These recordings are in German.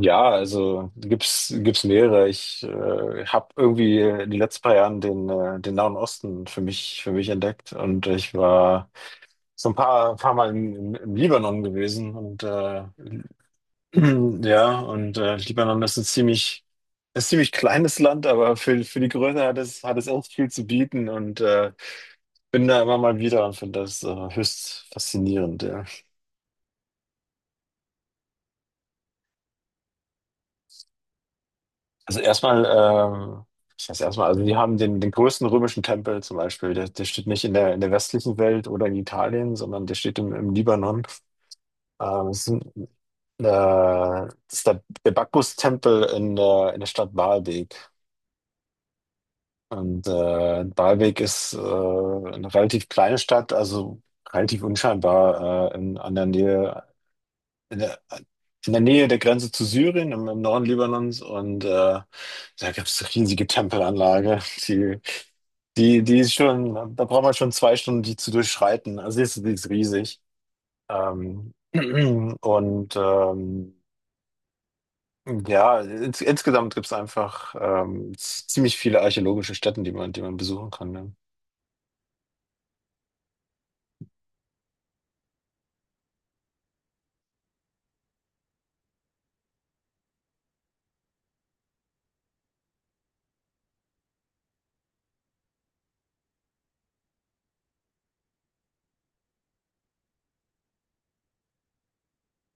Ja, also gibt's mehrere. Ich habe irgendwie in den letzten paar Jahren den Nahen Osten für mich entdeckt und ich war so ein paar Mal im Libanon gewesen Libanon ist ein ziemlich kleines Land, aber für die Größe hat es echt viel zu bieten bin da immer mal wieder und finde das höchst faszinierend. Ja. Also erstmal, ich weiß erstmal, also die haben den größten römischen Tempel zum Beispiel, der steht nicht in der westlichen Welt oder in Italien, sondern der steht im Libanon. Ähm, es ist, ein, Das ist der Bacchus-Tempel in der Stadt Baalbek. Baalbek ist eine relativ kleine Stadt, also relativ unscheinbar, an der Nähe, in der, in der Nähe der Grenze zu Syrien, im Norden Libanons. Da gibt es riesige Tempelanlage. Die, Die ist schon, da braucht man schon 2 Stunden, die zu durchschreiten. Also die ist riesig. Ähm, und ähm, ja, insgesamt gibt es einfach ziemlich viele archäologische Stätten, die man besuchen kann. Ne?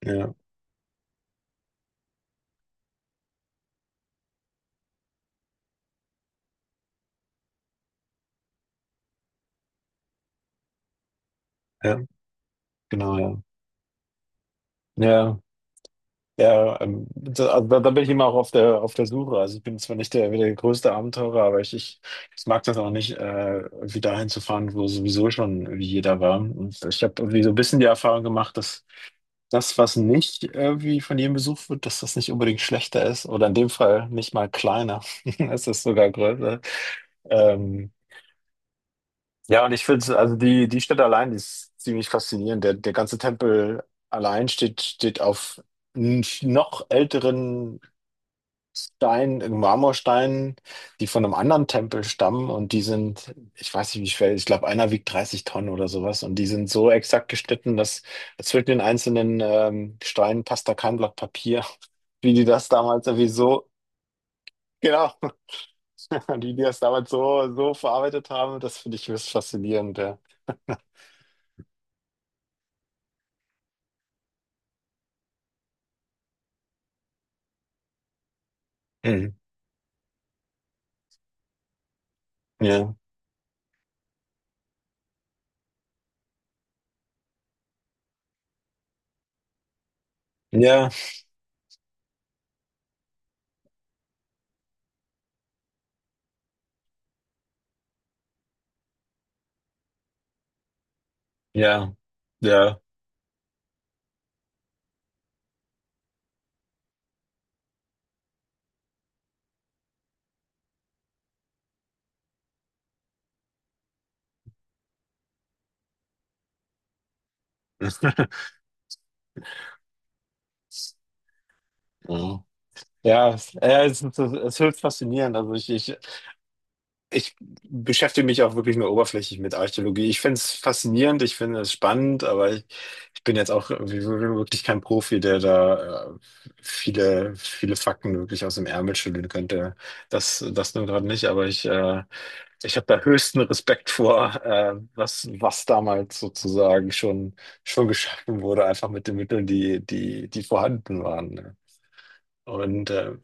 Ja, ja, genau, ja. Ja. Da bin ich immer auch auf der Suche. Also ich bin zwar nicht der größte Abenteurer, aber ich mag das auch nicht, irgendwie dahin zu fahren, wo sowieso schon wie jeder war. Und ich habe irgendwie so ein bisschen die Erfahrung gemacht, dass das, was nicht irgendwie von jedem besucht wird, dass das nicht unbedingt schlechter ist oder in dem Fall nicht mal kleiner. Es ist sogar größer. Ähm, ja, und ich finde, also die Stadt allein die ist ziemlich faszinierend. Der ganze Tempel allein steht auf noch älteren Stein, Marmorsteinen, die von einem anderen Tempel stammen und die sind, ich weiß nicht wie schwer, ich glaube einer wiegt 30 Tonnen oder sowas und die sind so exakt geschnitten, dass zwischen den einzelnen Steinen passt da kein Blatt Papier. wie die das damals irgendwie so, Genau. Wie die das damals so, so verarbeitet haben, das finde ich höchst faszinierend, ja. Mhm. Ja, ja, ja, ja. Ja, ja, es ist höchst faszinierend. Also ich beschäftige mich auch wirklich nur oberflächlich mit Archäologie. Ich finde es faszinierend, ich finde es spannend, aber ich bin jetzt auch irgendwie wirklich kein Profi, der da viele, viele Fakten wirklich aus dem Ärmel schütteln könnte. Das nun gerade nicht, aber ich habe da höchsten Respekt vor, was, was damals sozusagen schon geschaffen wurde, einfach mit den Mitteln, die vorhanden waren. Ne? Und äh,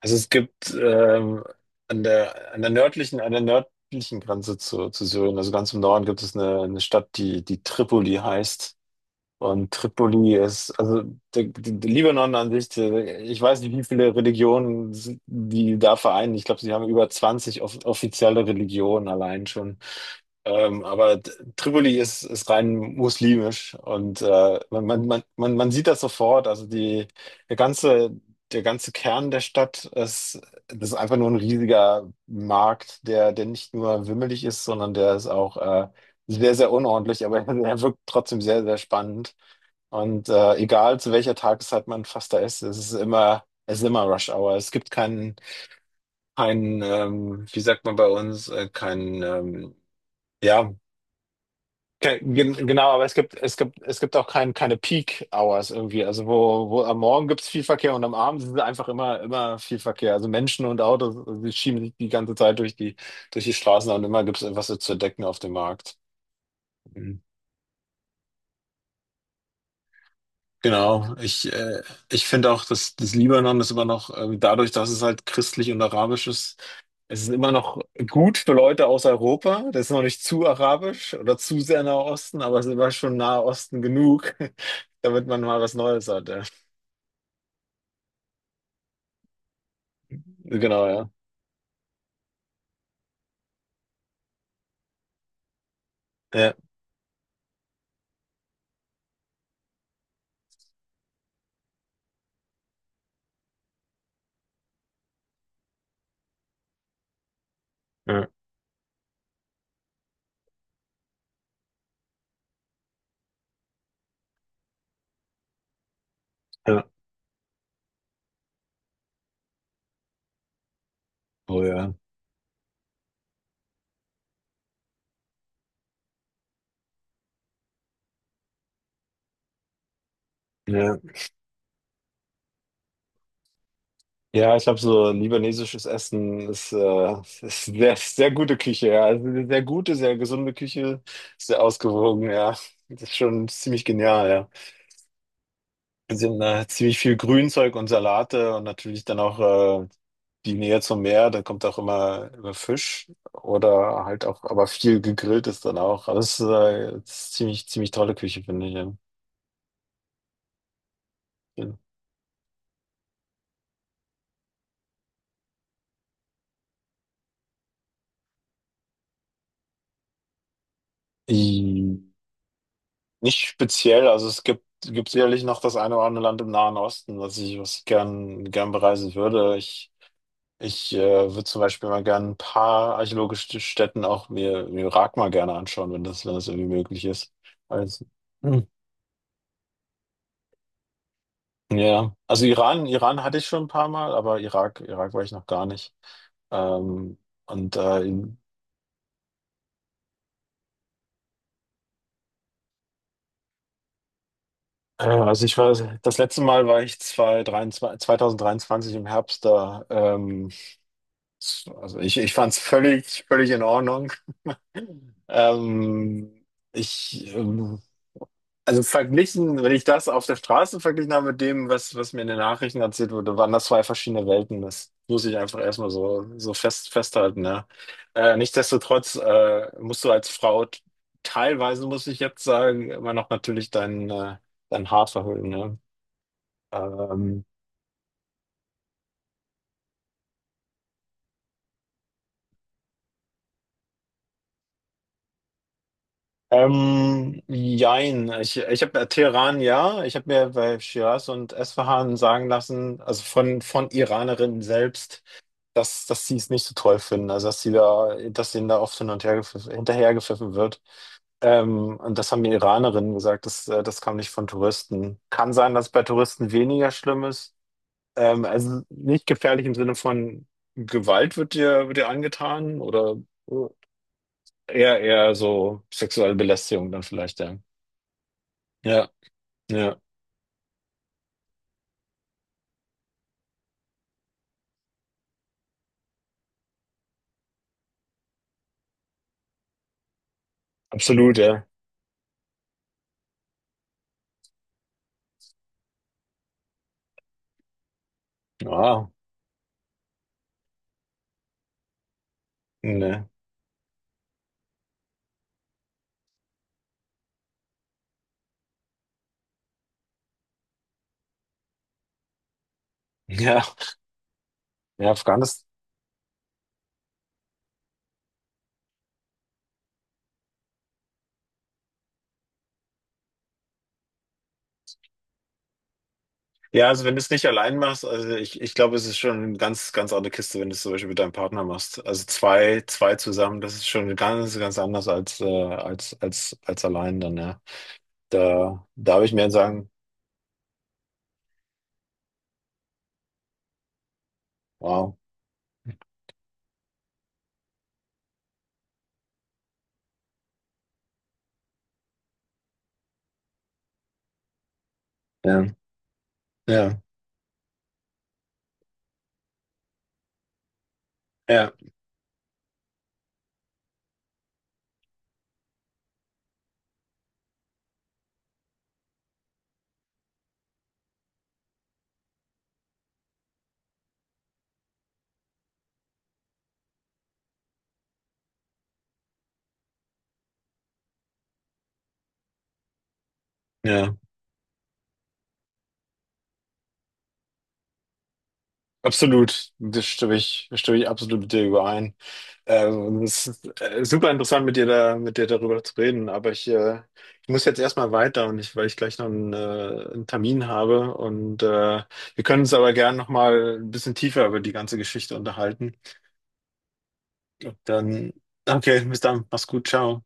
Also es gibt an der nördlichen Grenze zu Syrien, also ganz im Norden, gibt es eine Stadt, die Tripoli heißt. Und Tripoli ist, also der Libanon an sich, der, ich weiß nicht, wie viele Religionen sind- die da vereinen. Ich glaube, sie haben über 20 offizielle Religionen allein schon. Ähm, aber D- Tripoli ist, ist rein muslimisch und man sieht das sofort. Also der ganze, der ganze Kern der Stadt ist, das ist einfach nur ein riesiger Markt, der nicht nur wimmelig ist, sondern der ist auch sehr, sehr unordentlich, aber er wirkt trotzdem sehr, sehr spannend. Egal zu welcher Tageszeit man fast da ist, es ist es ist immer Rush Hour. Es gibt keinen, keinen, wie sagt man bei uns, keinen, Ja, ke gen genau, aber es gibt auch keine Peak Hours irgendwie. Also wo am Morgen gibt es viel Verkehr und am Abend ist es einfach immer viel Verkehr. Also Menschen und Autos, die schieben sich die ganze Zeit durch die Straßen und immer gibt es etwas zu entdecken auf dem Markt. Mhm. Genau, ich finde auch, dass das Libanon ist immer noch, dadurch, dass es halt christlich und arabisch ist, es ist immer noch gut für Leute aus Europa. Das ist noch nicht zu arabisch oder zu sehr Nahe Osten, aber es ist immer schon Nahe Osten genug, damit man mal was Neues hat. Ja. Genau, ja. Ja, ja, ja. Oh ja. Ja, ja, ich habe so libanesisches Essen, ist ist sehr, sehr gute Küche, ja. Also eine sehr gute, sehr gesunde Küche, sehr ausgewogen, ja. Das ist schon ziemlich genial, ja. Sind ziemlich viel Grünzeug und Salate und natürlich dann auch die Nähe zum Meer, dann kommt auch immer Fisch oder halt auch, aber viel gegrillt ist dann auch. Also es ist ziemlich, ziemlich tolle Küche, finde ich. Ja. Ja. I- Nicht speziell, also gibt sicherlich noch das eine oder andere Land im Nahen Osten, was ich gern, gern bereisen würde. Ich würde zum Beispiel mal gern ein paar archäologische Stätten auch mir im Irak mal gerne anschauen, wenn das irgendwie möglich ist. Also, ja, ja. Also Iran, Iran hatte ich schon ein paar Mal, aber Irak, Irak war ich noch gar nicht. Ähm, und äh, in- äh, also ich war, Das letzte Mal war ich 2023, 2023 im Herbst da. Also ich fand es völlig, völlig in Ordnung. Ähm, ich, ähm, Also verglichen, wenn ich das auf der Straße verglichen habe mit dem, was, was mir in den Nachrichten erzählt wurde, waren das zwei verschiedene Welten. Das muss ich einfach erstmal so, so fest, festhalten, ja. Nichtsdestotrotz, musst du als Frau teilweise, muss ich jetzt sagen, immer noch natürlich dein dein Haar verhüllen, ne? Ähm, Jein. Ich habe Teheran, ja. Ich habe mir bei Shiraz und Esfahan sagen lassen, also von Iranerinnen selbst, dass sie es nicht so toll finden, also dass sie dass ihnen da oft hin und her gepfiffen, hinterhergepfiffen wird. Und das haben die Iranerinnen gesagt, das kam nicht von Touristen. Kann sein, dass es bei Touristen weniger schlimm ist. Also nicht gefährlich im Sinne von Gewalt wird wird dir angetan oder äh, eher, eher so sexuelle Belästigung dann vielleicht, ja. Ja, ja, absolut, ja. Ja, ne. Ja, ja, Afghanistan. Ja, also wenn du es nicht allein machst, ich glaube, es ist schon eine ganz, ganz andere Kiste, wenn du es zum Beispiel mit deinem Partner machst. Also zwei, zwei zusammen, das ist schon ganz, ganz anders als als allein dann, ja. Da habe ich mir sagen, wow. Ja, ja, ja, ja. Absolut. Das stimme ich absolut mit dir überein. Es ist Super interessant, mit dir darüber zu reden, aber ich muss jetzt erstmal weiter weil ich gleich noch einen Termin habe und wir können uns aber gern nochmal ein bisschen tiefer über die ganze Geschichte unterhalten. Dann, okay, bis dann, mach's gut, ciao.